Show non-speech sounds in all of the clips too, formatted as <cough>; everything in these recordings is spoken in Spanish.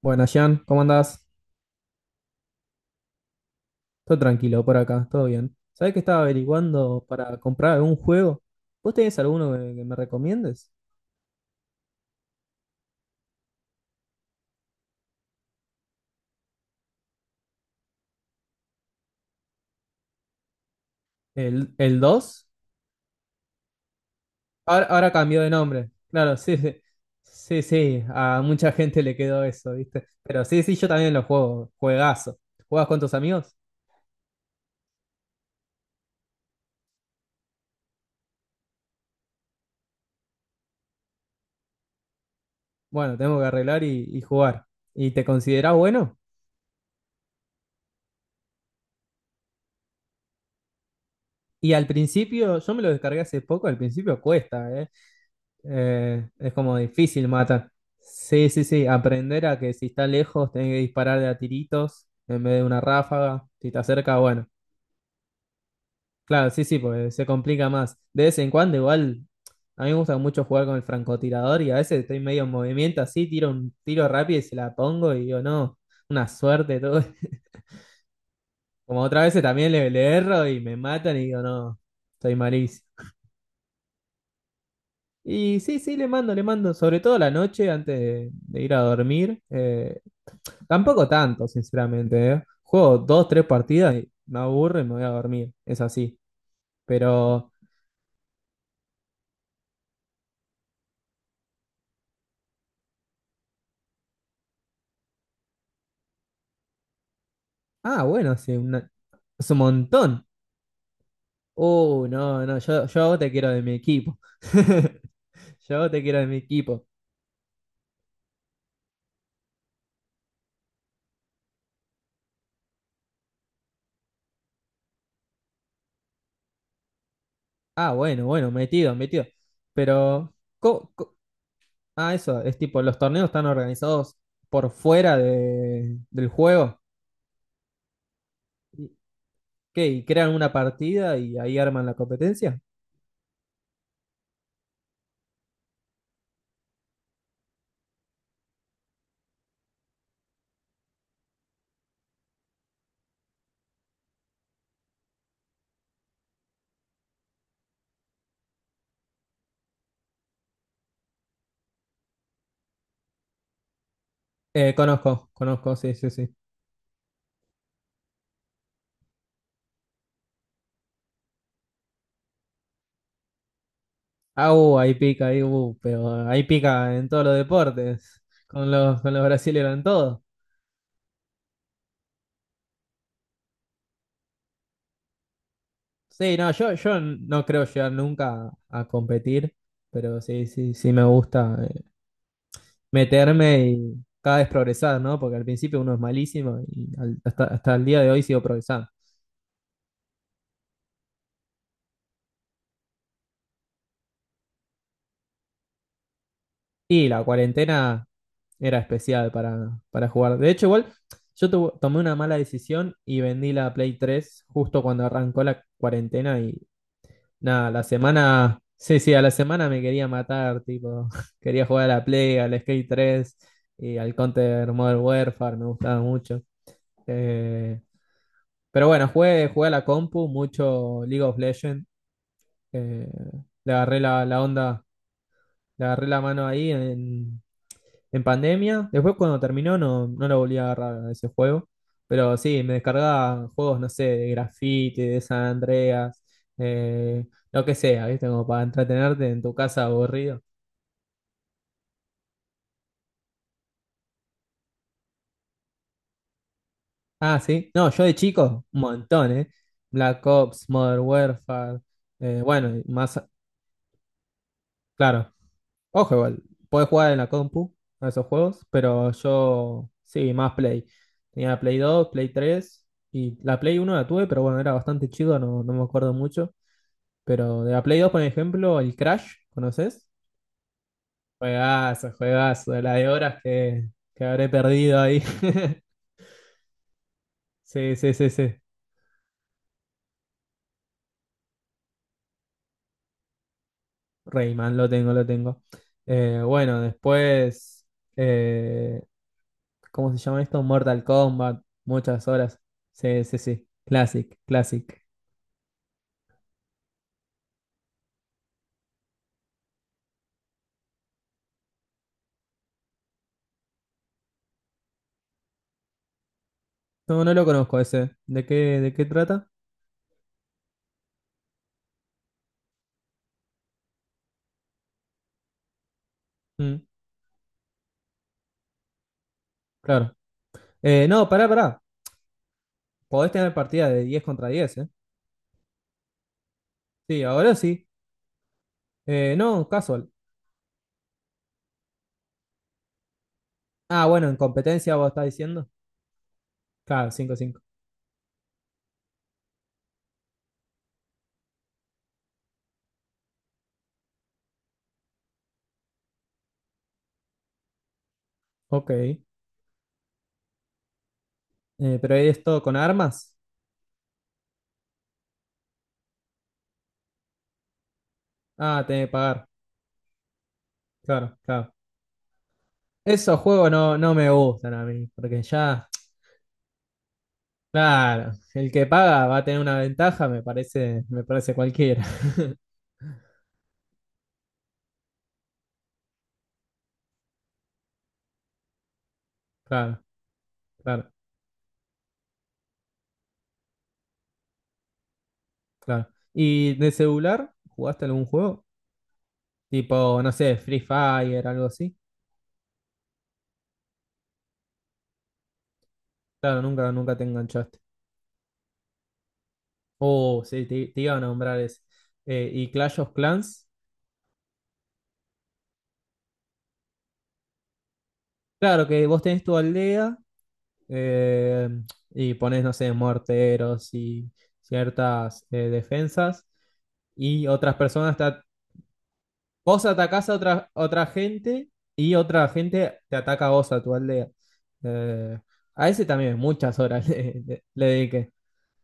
Bueno, Jean, ¿cómo andás? Todo tranquilo por acá, todo bien. ¿Sabés que estaba averiguando para comprar algún juego? ¿Vos tenés alguno que me recomiendes? ¿El dos? Ahora, ahora cambió de nombre. Claro, sí, sí, sí, sí, a mucha gente le quedó eso, ¿viste? Pero sí, sí, yo también lo juego, juegazo. ¿Jugás con tus amigos? Bueno, tengo que arreglar y jugar. ¿Y te considerás bueno? Y al principio, yo me lo descargué hace poco, al principio cuesta, ¿eh? Es como difícil matar. Sí, sí, sí. Aprender a que si está lejos tenés que disparar de a tiritos en vez de una ráfaga. Si está cerca, bueno. Claro, sí, sí, porque se complica más. De vez en cuando, igual, a mí me gusta mucho jugar con el francotirador y a veces estoy medio en movimiento así, tiro un tiro rápido y se la pongo y digo, no, una suerte, todo. <laughs> Como otras veces también le erro y me matan y digo, no, estoy malísimo. Y sí, sí, le mando, sobre todo a la noche antes de ir a dormir. Tampoco tanto, sinceramente, ¿eh? Juego dos, tres partidas y me aburro y me voy a dormir. Es así. Pero, ah, bueno, sí, es un montón. No, no, yo te quiero de mi equipo. <laughs> Yo te quiero de mi equipo. Ah, bueno, bueno, metido, metido. Pero, co- co- ah, eso, es tipo, los torneos están organizados por fuera del juego. ¿Y ¿Qué? ¿Y crean una partida y ahí arman la competencia? Conozco, conozco, sí, sí, sí. Ah, ahí pica, ahí, pero ahí pica en todos los deportes, con los, brasileños en todo. Sí, no, yo no creo llegar nunca a competir, pero sí, sí, sí me gusta meterme y cada vez progresar, ¿no? Porque al principio uno es malísimo y hasta el día de hoy sigo progresando. Y la cuarentena era especial para jugar. De hecho, igual yo tomé una mala decisión y vendí la Play 3 justo cuando arrancó la cuarentena. Nada, la semana. Sí, sí, a la semana me quería matar, tipo. <laughs> Quería jugar a la Play, al Skate 3 y al Counter Modern Warfare, me gustaba mucho. Eh, pero bueno, jugué, jugué a la compu, mucho League of Legends. eh, Le agarré la, onda, le agarré la mano ahí en pandemia. Después cuando terminó no, no lo volví a agarrar a ese juego. Pero sí, me descargaba juegos, no sé, de Graffiti, de San Andreas, eh, lo que sea, ¿viste? Como para entretenerte en tu casa aburrido. Ah, sí. No, yo de chico, un montón, ¿eh? Black Ops, Modern Warfare, bueno, y más, claro. Ojo, igual, podés jugar en la compu a esos juegos, pero yo sí, más Play. Tenía Play 2, Play 3 y la Play 1 la tuve, pero bueno, era bastante chido, no, no me acuerdo mucho. Pero de la Play 2, por ejemplo, el Crash, ¿conoces? Juegazo, juegazo, de la de horas que habré perdido ahí. <laughs> Sí, sí, sí, sí. Rayman, lo tengo, lo tengo. Bueno, después eh, ¿cómo se llama esto? Mortal Kombat, muchas horas. Sí, sí, sí. Classic, classic. No, no lo conozco ese. ¿De qué trata? Mm, claro. No, pará, pará. Podés tener partida de 10 contra 10, ¿eh? Sí, ahora sí. No, casual. Ah, bueno, en competencia vos estás diciendo. Claro, cinco, cinco. Ok. Pero es todo con armas. Ah, tenés que pagar. Claro, claro. Esos juegos no, no me gustan a mí, porque ya. Claro, el que paga va a tener una ventaja, me parece cualquiera. <laughs> Claro, claro, claro. ¿Y de celular? ¿Jugaste algún juego? Tipo, no sé, Free Fire, algo así. Claro, nunca, nunca te enganchaste. Oh, sí, te iba a nombrar ese. Y Clash of Clans. Claro que vos tenés tu aldea eh, y ponés, no sé, morteros y ciertas defensas y otras personas. Vos atacás a otra, gente y otra gente te ataca a vos, a tu aldea. Eh, a ese también muchas horas <laughs> le dediqué.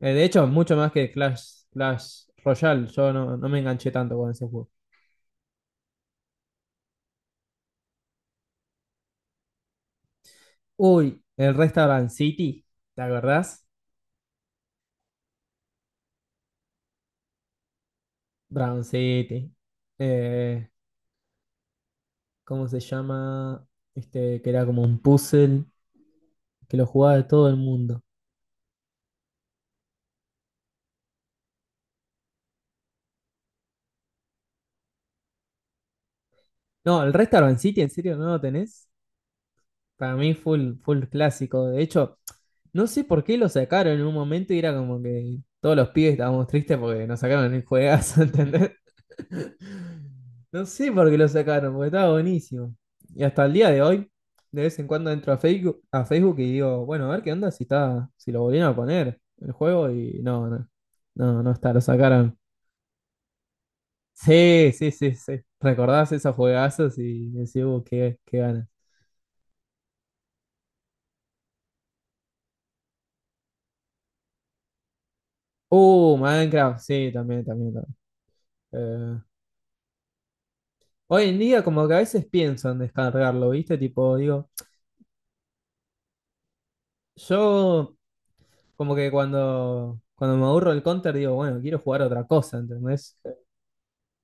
De hecho, mucho más que Clash Royale. Yo no, no me enganché tanto con ese juego. Uy, el Restaurant City, ¿te acordás? Brown City. Eh, ¿Cómo se llama? Este, que era como un puzzle que lo jugaba todo el mundo. No, el Restaurant City, ¿en serio no lo tenés? Para mí full, full clásico. De hecho, no sé por qué lo sacaron en un momento y era como que todos los pibes estábamos tristes porque nos sacaron el juegazo, <laughs> ¿entendés? No sé por qué lo sacaron, porque estaba buenísimo. Y hasta el día de hoy, de vez en cuando entro a Facebook, y digo, bueno, a ver qué onda si está, si lo volvieron a poner el juego y no, no, no, no está, lo sacaron. Sí, sí, sí, sí. Recordás esos juegazos y decís, qué ganas. Minecraft, sí, también, también. Eh, Hoy en día como que a veces pienso en descargarlo, ¿viste? Tipo, digo, yo como que cuando me aburro del Counter digo, bueno, quiero jugar otra cosa, ¿entendés?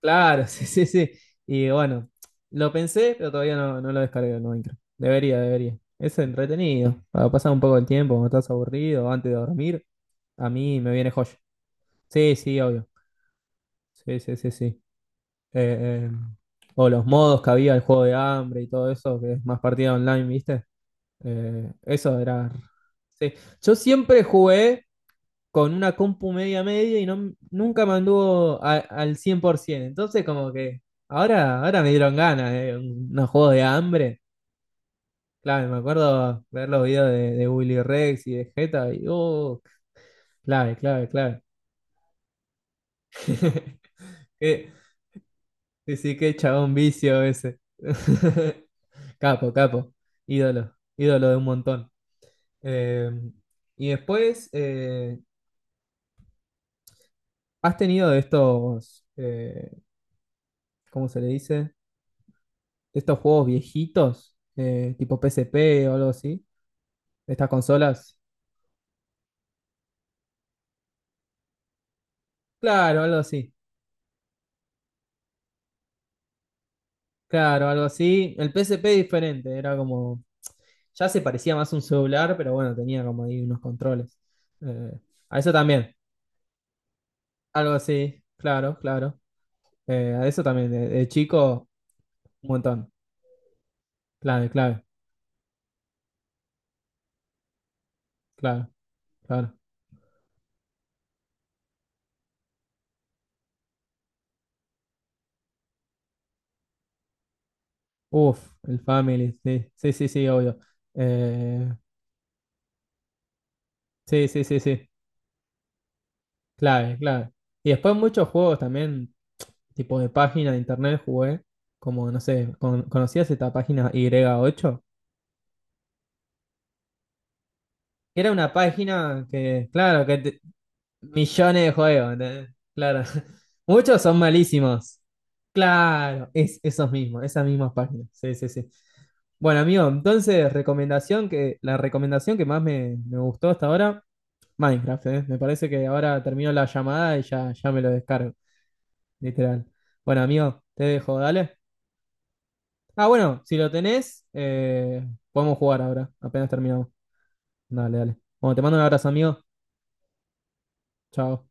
Claro, <laughs> sí, sí, sí. Y bueno, lo pensé, pero todavía no, no lo descargué el Minecraft. Debería, debería. Es entretenido. Para pasar un poco el tiempo, cuando estás aburrido, antes de dormir, a mí me viene joya. Sí, sí, obvio. Sí, sí, sí, sí. Eh, eh, o los modos que había, el juego de hambre y todo eso, que es más partida online, ¿viste? Eso era. Sí. Yo siempre jugué con una compu media media y no, nunca me anduvo al 100%. Entonces, como que ahora, ahora me dieron ganas de unos juegos de hambre. Clave, me acuerdo ver los videos de Willy Rex y de Jetta y oh, clave, clave, clave. <laughs> Qué- Sí, sí, qué chabón vicio ese. <laughs> Capo, capo. Ídolo. Ídolo de un montón. Eh, y después, ¿has tenido de estos, cómo se le dice? De estos juegos viejitos, tipo PSP o algo así, de estas consolas. Claro, algo así. Claro, algo así. El PSP diferente, era como, ya se parecía más a un celular, pero bueno, tenía como ahí unos controles. Eh, a eso también, algo así, claro, claro. A eso también, de chico, un montón. Clave, clave, claro, claro. Uf, el Family, sí, sí, sí, sí, obvio. Eh, sí, sí, sí, sí. Clave, clave. Y después muchos juegos también, tipo de página de internet jugué, como no sé, ¿conocías esta página Y8? Era una página que, claro, millones de juegos, ¿entendés? Claro. <laughs> Muchos son malísimos. Claro, esas mismas páginas. Sí, sí, sí. Bueno, amigo, entonces, la recomendación que más me gustó hasta ahora, Minecraft, ¿eh? Me parece que ahora termino la llamada y ya me lo descargo. Literal. Bueno, amigo, te dejo, dale. Ah, bueno, si lo tenés, podemos jugar ahora, apenas terminamos. Dale, dale. Bueno, te mando un abrazo, amigo. Chao.